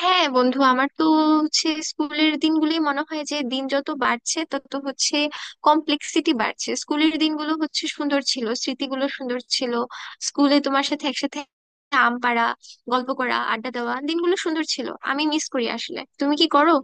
হ্যাঁ বন্ধু, আমার তো হচ্ছে স্কুলের দিনগুলি মনে হয় যে দিন যত বাড়ছে তত হচ্ছে কমপ্লেক্সিটি বাড়ছে। স্কুলের দিনগুলো হচ্ছে সুন্দর ছিল, স্মৃতিগুলো সুন্দর ছিল। স্কুলে তোমার সাথে একসাথে আম পাড়া, গল্প করা, আড্ডা দেওয়া দিনগুলো সুন্দর ছিল। আমি মিস করি। আসলে তুমি কি করো?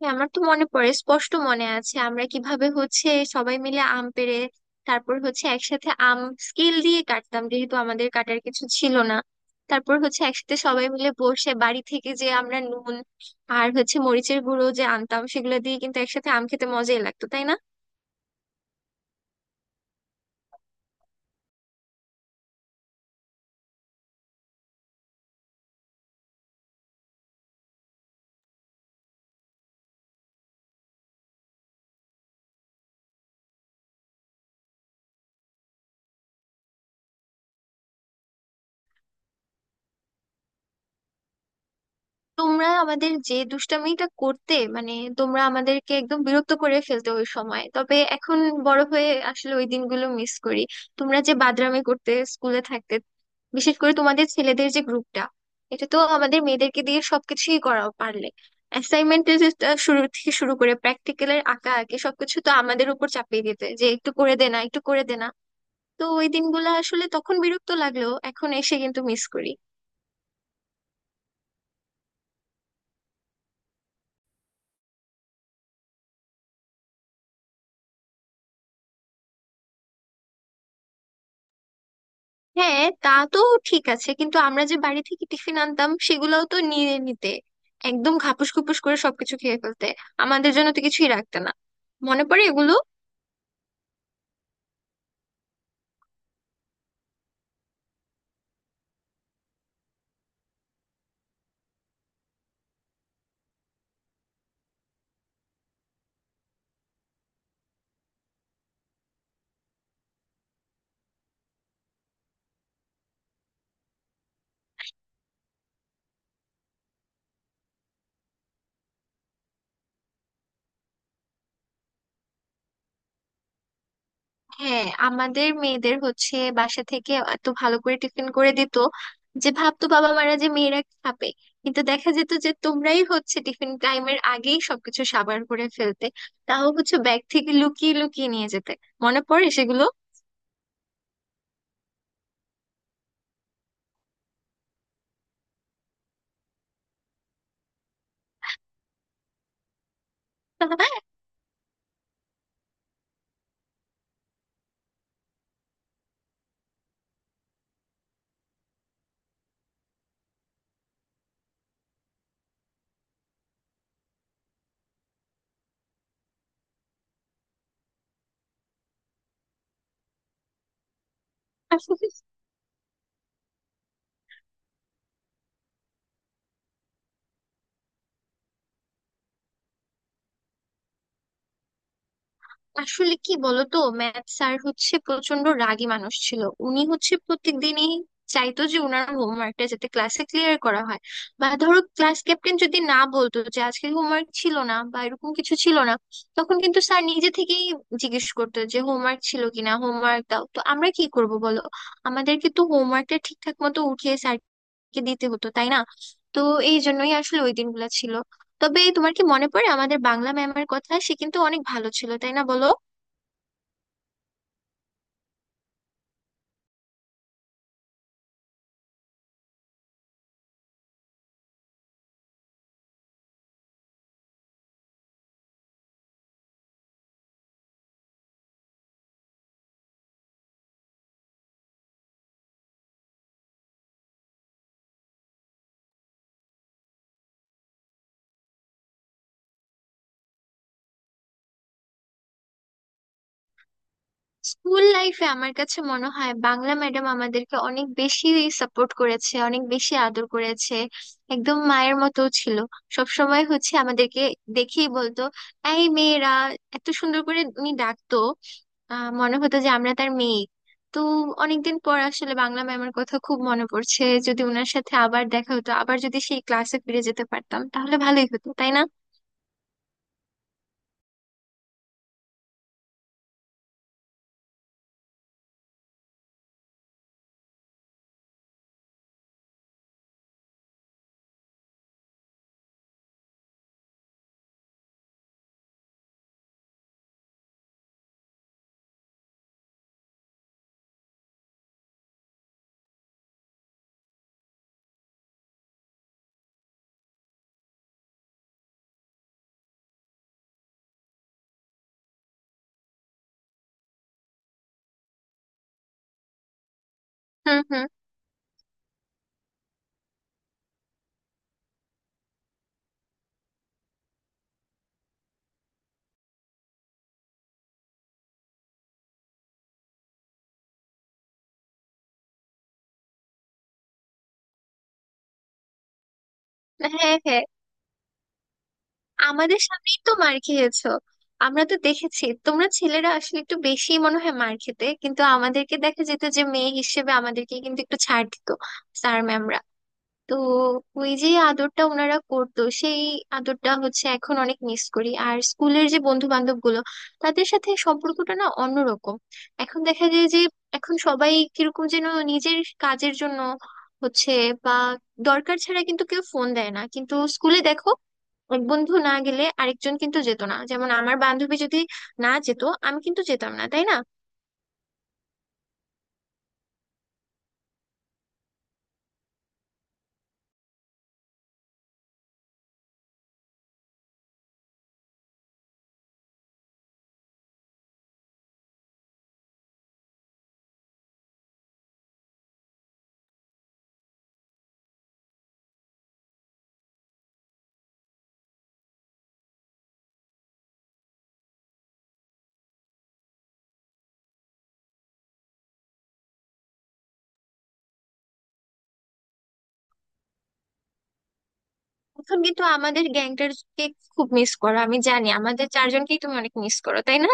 হ্যাঁ, আমার তো মনে পড়ে, স্পষ্ট মনে আছে আমরা কিভাবে হচ্ছে সবাই মিলে আম পেড়ে তারপর হচ্ছে একসাথে আম স্কেল দিয়ে কাটতাম, যেহেতু আমাদের কাটার কিছু ছিল না। তারপর হচ্ছে একসাথে সবাই মিলে বসে বাড়ি থেকে যে আমরা নুন আর হচ্ছে মরিচের গুঁড়ো যে আনতাম, সেগুলো দিয়ে কিন্তু একসাথে আম খেতে মজাই লাগতো, তাই না? তোমরা আমাদের যে দুষ্টামিটা করতে মানে, তোমরা আমাদেরকে একদম বিরক্ত করে ফেলতে ওই সময়। তবে এখন বড় হয়ে আসলে ওই দিনগুলো মিস করি। তোমরা যে বাদরামি করতে স্কুলে থাকতে, বিশেষ করে তোমাদের ছেলেদের যে গ্রুপটা, এটা তো আমাদের মেয়েদেরকে দিয়ে সবকিছুই করাও পারলে। অ্যাসাইনমেন্টের শুরু থেকে শুরু করে প্র্যাকটিক্যালের আঁকা আঁকি সবকিছু তো আমাদের উপর চাপিয়ে দিতে যে একটু করে দে না, একটু করে দে না। তো ওই দিনগুলো আসলে তখন বিরক্ত লাগলেও এখন এসে কিন্তু মিস করি। হ্যাঁ, তা তো ঠিক আছে। কিন্তু আমরা যে বাড়ি থেকে টিফিন আনতাম সেগুলোও তো নিয়ে নিতে, একদম খাপুস খুপুস করে সবকিছু খেয়ে ফেলতে। আমাদের জন্য তো কিছুই রাখতে না। মনে পড়ে এগুলো? হ্যাঁ, আমাদের মেয়েদের হচ্ছে বাসা থেকে এত ভালো করে টিফিন করে দিত যে ভাবতো বাবা মারা যে মেয়েরা খাবে, কিন্তু দেখা যেত যে তোমরাই হচ্ছে টিফিন টাইমের আগেই সবকিছু সাবাড় করে ফেলতে। তাও হচ্ছে ব্যাগ থেকে লুকিয়ে লুকিয়ে নিয়ে যেতে। মনে পড়ে সেগুলো? আসলে কি বলতো, ম্যাথ স্যার হচ্ছে প্রচন্ড রাগী মানুষ ছিল। উনি হচ্ছে প্রত্যেকদিনই চাইতো যে ওনার হোমওয়ার্কটা যাতে ক্লাসে ক্লিয়ার করা হয়। বা ধরো ক্লাস ক্যাপ্টেন যদি না বলতো যে আজকে হোমওয়ার্ক ছিল না বা এরকম কিছু ছিল না, তখন কিন্তু স্যার নিজে থেকেই জিজ্ঞেস করতো যে হোমওয়ার্ক ছিল কিনা, হোমওয়ার্ক দাও। তো আমরা কি করব বলো? আমাদেরকে তো হোমওয়ার্কটা ঠিকঠাক মতো উঠিয়ে স্যারকে দিতে হতো, তাই না? তো এই জন্যই আসলে ওই দিনগুলো ছিল। তবে তোমার কি মনে পড়ে আমাদের বাংলা ম্যামের কথা? সে কিন্তু অনেক ভালো ছিল, তাই না বলো? স্কুল লাইফে আমার কাছে মনে হয় বাংলা ম্যাডাম আমাদেরকে অনেক বেশি সাপোর্ট করেছে, অনেক বেশি আদর করেছে। একদম মায়ের মতো ছিল। সব সময় হচ্ছে আমাদেরকে দেখেই বলতো, এই মেয়েরা। এত সুন্দর করে উনি ডাকতো। আহ, মনে হতো যে আমরা তার মেয়ে। তো অনেকদিন পর আসলে বাংলা ম্যামের কথা খুব মনে পড়ছে। যদি ওনার সাথে আবার দেখা হতো, আবার যদি সেই ক্লাসে ফিরে যেতে পারতাম, তাহলে ভালোই হতো, তাই না? হুম, হুম। হ্যাঁ, হ্যাঁ। আমাদের সামনেই তো মার খেয়েছো। আমরা তো দেখেছি তোমরা ছেলেরা আসলে একটু বেশি মনে হয় মার খেতে, কিন্তু আমাদেরকে দেখা যেত যে মেয়ে হিসেবে আমাদেরকে কিন্তু একটু ছাড় দিত স্যার ম্যামরা। তো ওই যে আদরটা ওনারা করতো, সেই আদরটা হচ্ছে এখন অনেক মিস করি। আর স্কুলের যে বন্ধু বান্ধব গুলো, তাদের সাথে সম্পর্কটা না অন্যরকম। এখন দেখা যায় যে এখন সবাই কিরকম যেন নিজের কাজের জন্য হচ্ছে, বা দরকার ছাড়া কিন্তু কেউ ফোন দেয় না। কিন্তু স্কুলে দেখো, এক বন্ধু না গেলে আরেকজন কিন্তু যেত না। যেমন আমার বান্ধবী যদি না যেত, আমি কিন্তু যেতাম না, তাই না? এখন কিন্তু আমাদের গ্যাংটারকে খুব মিস করো, আমি জানি। আমাদের চারজনকেই তুমি অনেক মিস করো, তাই না?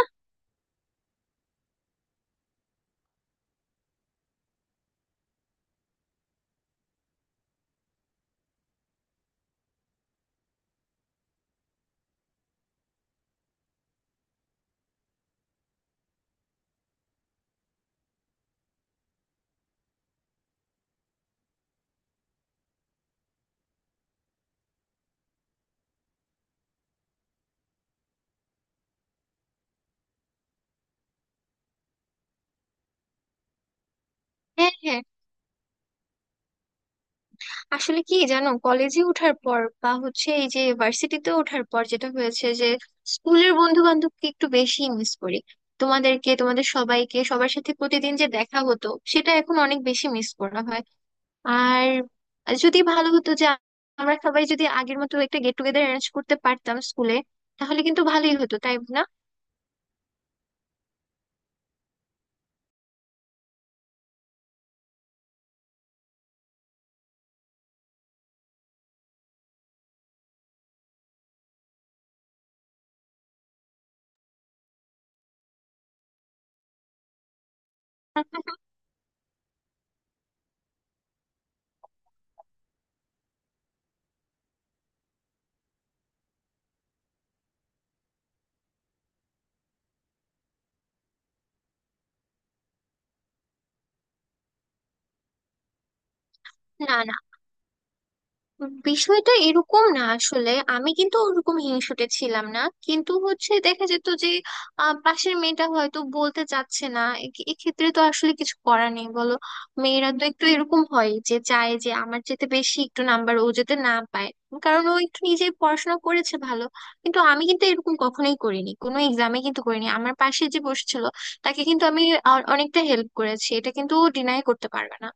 হ্যাঁ, হ্যাঁ। আসলে কি জানো, কলেজে ওঠার পর বা হচ্ছে এই যে ভার্সিটিতে ওঠার পর যেটা হয়েছে যে স্কুলের বন্ধু বান্ধবকে একটু বেশি মিস করি। তোমাদেরকে, তোমাদের সবাইকে, সবার সাথে প্রতিদিন যে দেখা হতো সেটা এখন অনেক বেশি মিস করা হয়। আর যদি ভালো হতো যে আমরা সবাই যদি আগের মতো একটা গেট টুগেদার অ্যারেঞ্জ করতে পারতাম স্কুলে, তাহলে কিন্তু ভালোই হতো, তাই না? না, না, বিষয়টা এরকম না আসলে। আমি কিন্তু ওরকম হিংসুটে ছিলাম না, কিন্তু হচ্ছে দেখা যেত যে পাশের মেয়েটা হয়তো বলতে চাচ্ছে না। এক্ষেত্রে তো আসলে কিছু করার নেই বলো। মেয়েরা তো একটু এরকম হয় যে চায় যে আমার যেতে বেশি একটু নাম্বার ও যেতে না পায়, কারণ ও একটু নিজেই পড়াশোনা করেছে ভালো। কিন্তু আমি কিন্তু এরকম কখনোই করিনি, কোনো এক্সামে কিন্তু করিনি। আমার পাশে যে বসেছিল তাকে কিন্তু আমি অনেকটা হেল্প করেছি। এটা কিন্তু ও ডিনাই করতে পারবে না।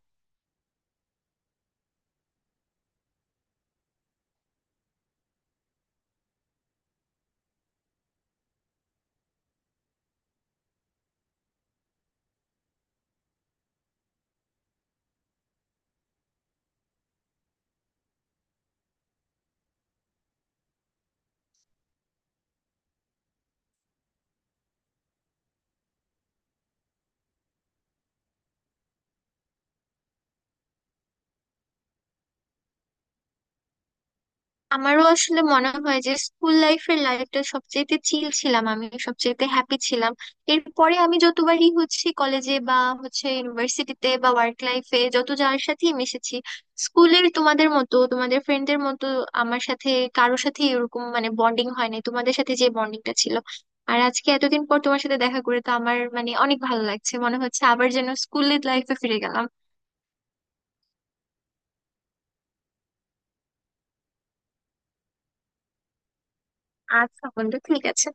আমারও আসলে মনে হয় যে স্কুল লাইফের লাইফটা সবচেয়েতে চিল ছিলাম, আমি সবচেয়েতে হ্যাপি ছিলাম। এরপরে আমি যতবারই হচ্ছে কলেজে বা হচ্ছে ইউনিভার্সিটিতে বা ওয়ার্ক লাইফে যত যার সাথেই মিশেছি, স্কুলের তোমাদের মতো, তোমাদের ফ্রেন্ডদের মতো আমার সাথে কারোর সাথে এরকম মানে বন্ডিং হয় নাই। তোমাদের সাথে যে বন্ডিংটা ছিল, আর আজকে এতদিন পর তোমার সাথে দেখা করে তো আমার মানে অনেক ভালো লাগছে। মনে হচ্ছে আবার যেন স্কুলের লাইফে ফিরে গেলাম। আচ্ছা বন্ধু, ঠিক আছে।